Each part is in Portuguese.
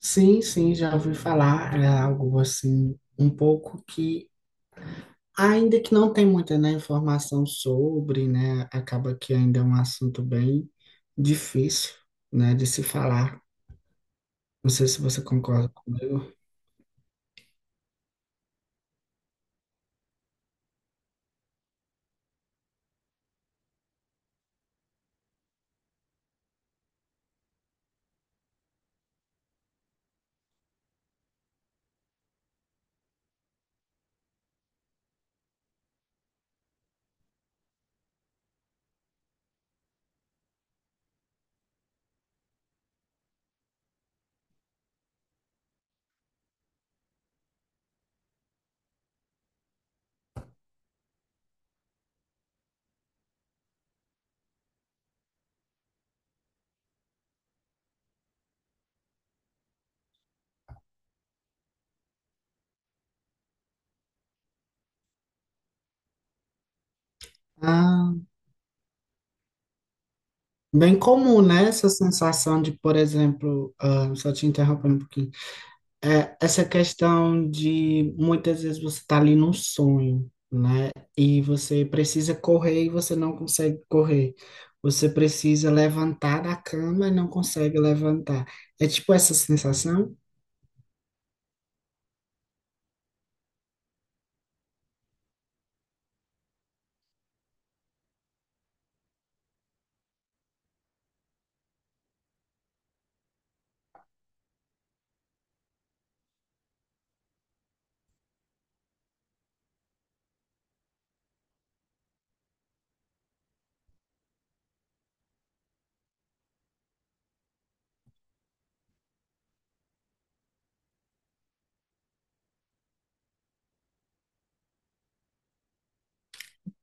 Sim, sim, já ouvi falar. É algo assim, um pouco que, ainda que não tem muita, né, informação sobre, né, acaba que ainda é um assunto bem difícil, né, de se falar. Não sei se você concorda comigo. Ah, bem comum, né, essa sensação de, por exemplo, ah, só te interrompendo um pouquinho. É, essa questão de muitas vezes você tá ali num sonho, né? E você precisa correr e você não consegue correr. Você precisa levantar da cama e não consegue levantar. É tipo essa sensação,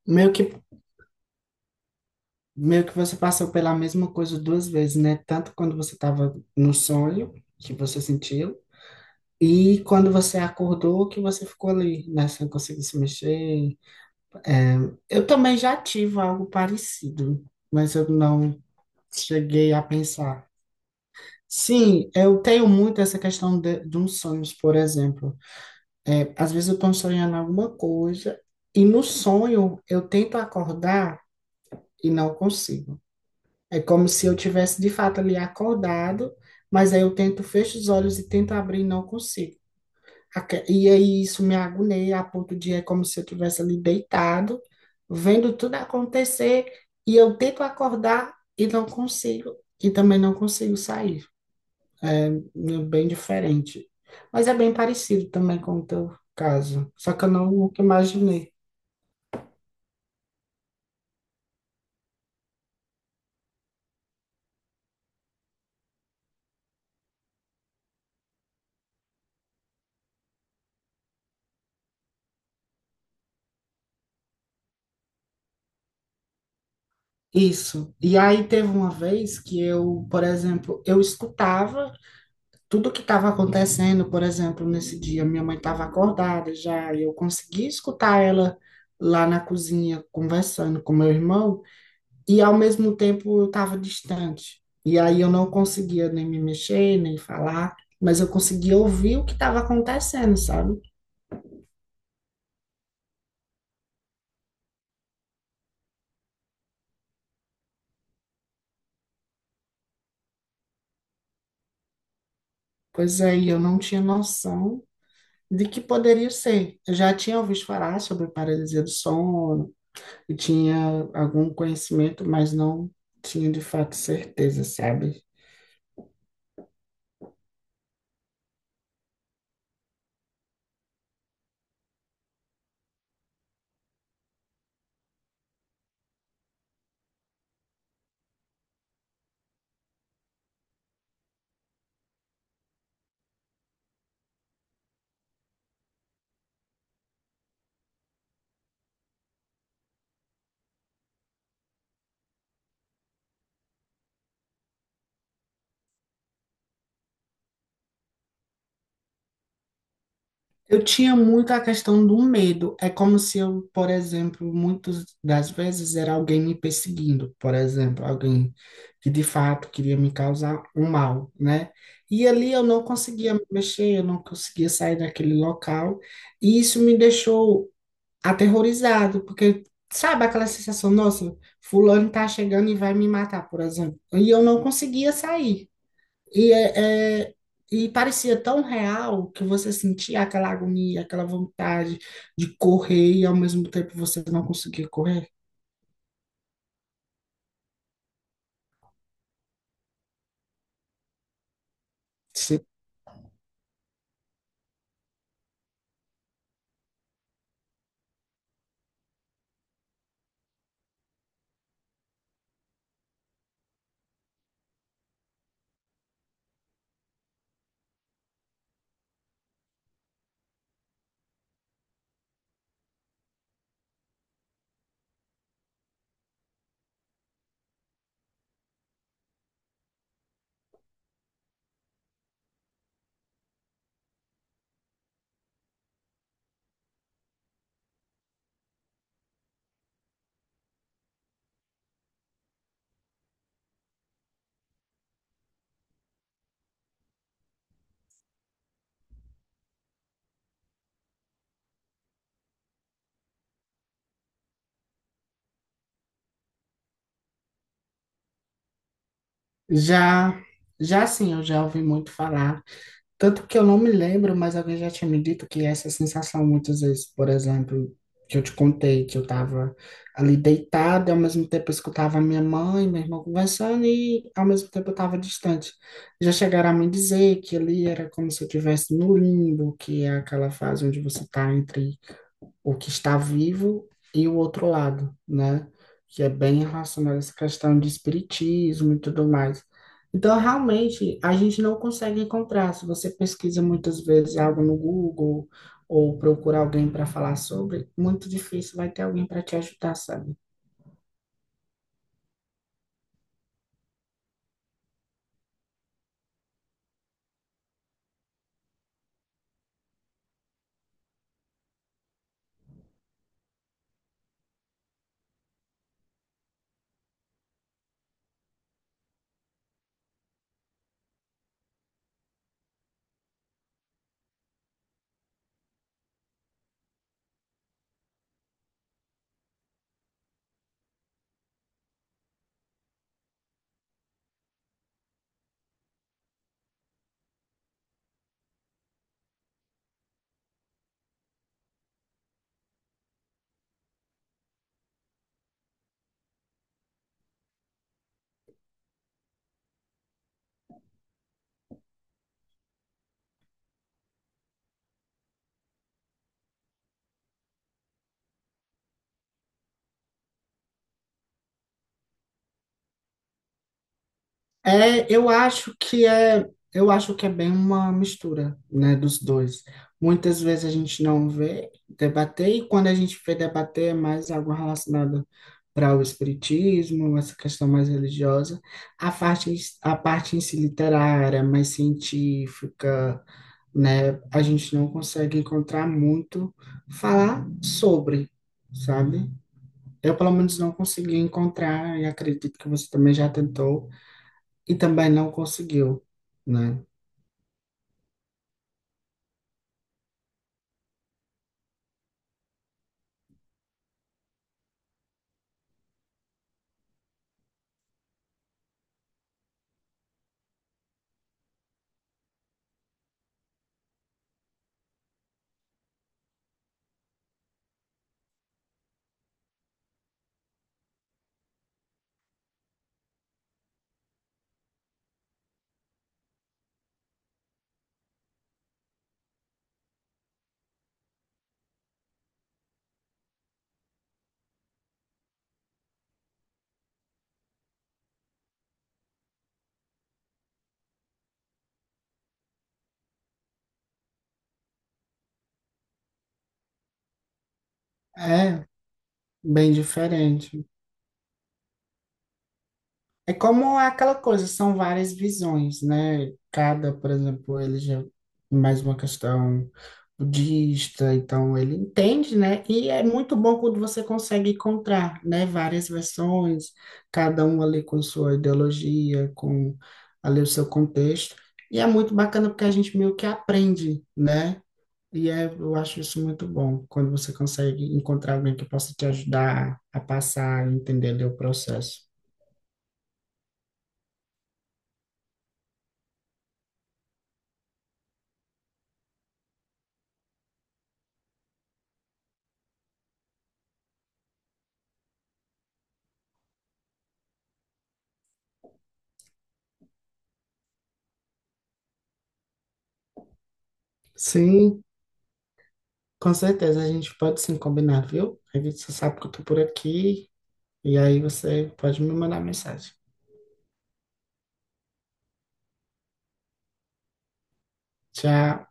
meio que meio que você passou pela mesma coisa duas vezes, né? Tanto quando você estava no sonho, que você sentiu, e quando você acordou, que você ficou ali, né? Sem conseguir se mexer. É, eu também já tive algo parecido, mas eu não cheguei a pensar. Sim, eu tenho muito essa questão de uns sonhos, por exemplo. É, às vezes eu estou sonhando alguma coisa e no sonho eu tento acordar e não consigo. É como se eu tivesse de fato ali acordado, mas aí eu tento, fecho os olhos e tento abrir e não consigo. E aí isso me agonia a ponto de é como se eu tivesse ali deitado, vendo tudo acontecer, e eu tento acordar e não consigo, e também não consigo sair. É bem diferente. Mas é bem parecido também com o teu caso, só que eu não nunca imaginei. Isso. E aí teve uma vez que eu, por exemplo, eu escutava tudo que estava acontecendo, por exemplo, nesse dia, minha mãe estava acordada já, e eu consegui escutar ela lá na cozinha conversando com meu irmão, e ao mesmo tempo eu estava distante. E aí eu não conseguia nem me mexer, nem falar, mas eu conseguia ouvir o que estava acontecendo, sabe? Pois aí eu não tinha noção de que poderia ser. Eu já tinha ouvido falar sobre paralisia do sono, e tinha algum conhecimento, mas não tinha de fato certeza, sabe? Eu tinha muito a questão do medo. É como se eu, por exemplo, muitas das vezes era alguém me perseguindo, por exemplo, alguém que de fato queria me causar um mal, né? E ali eu não conseguia me mexer, eu não conseguia sair daquele local, e isso me deixou aterrorizado, porque sabe aquela sensação, nossa, fulano tá chegando e vai me matar, por exemplo, e eu não conseguia sair. E, e parecia tão real que você sentia aquela agonia, aquela vontade de correr e ao mesmo tempo você não conseguia correr. Você- Já, já sim, eu já ouvi muito falar. Tanto que eu não me lembro, mas alguém já tinha me dito que essa sensação, muitas vezes, por exemplo, que eu te contei, que eu estava ali deitada, e ao mesmo tempo eu escutava a minha mãe, meu irmão conversando, e ao mesmo tempo eu estava distante. Já chegaram a me dizer que ali era como se eu estivesse no limbo, que é aquela fase onde você está entre o que está vivo e o outro lado, né? Que é bem relacionado a essa questão de espiritismo e tudo mais. Então, realmente, a gente não consegue encontrar. Se você pesquisa muitas vezes algo no Google ou procura alguém para falar sobre, muito difícil vai ter alguém para te ajudar, sabe? É, eu acho que é bem uma mistura, né, dos dois. Muitas vezes a gente não vê debater e quando a gente vê debater é mais algo relacionado para o espiritismo, essa questão mais religiosa, a parte a parte em si literária, mais científica, né, a gente não consegue encontrar muito falar sobre, sabe? Eu pelo menos não consegui encontrar e acredito que você também já tentou e também não conseguiu, né? É bem diferente. É como aquela coisa, são várias visões, né? Cada, por exemplo, ele já mais uma questão budista, então ele entende, né? E é muito bom quando você consegue encontrar, né, várias versões, cada um ali com sua ideologia, com ali o seu contexto. E é muito bacana porque a gente meio que aprende, né? E é, eu acho isso muito bom, quando você consegue encontrar alguém que possa te ajudar a passar e entender ali o processo. Sim, com certeza, a gente pode sim combinar, viu? Aí você sabe que eu tô por aqui, e aí você pode me mandar mensagem. Tchau.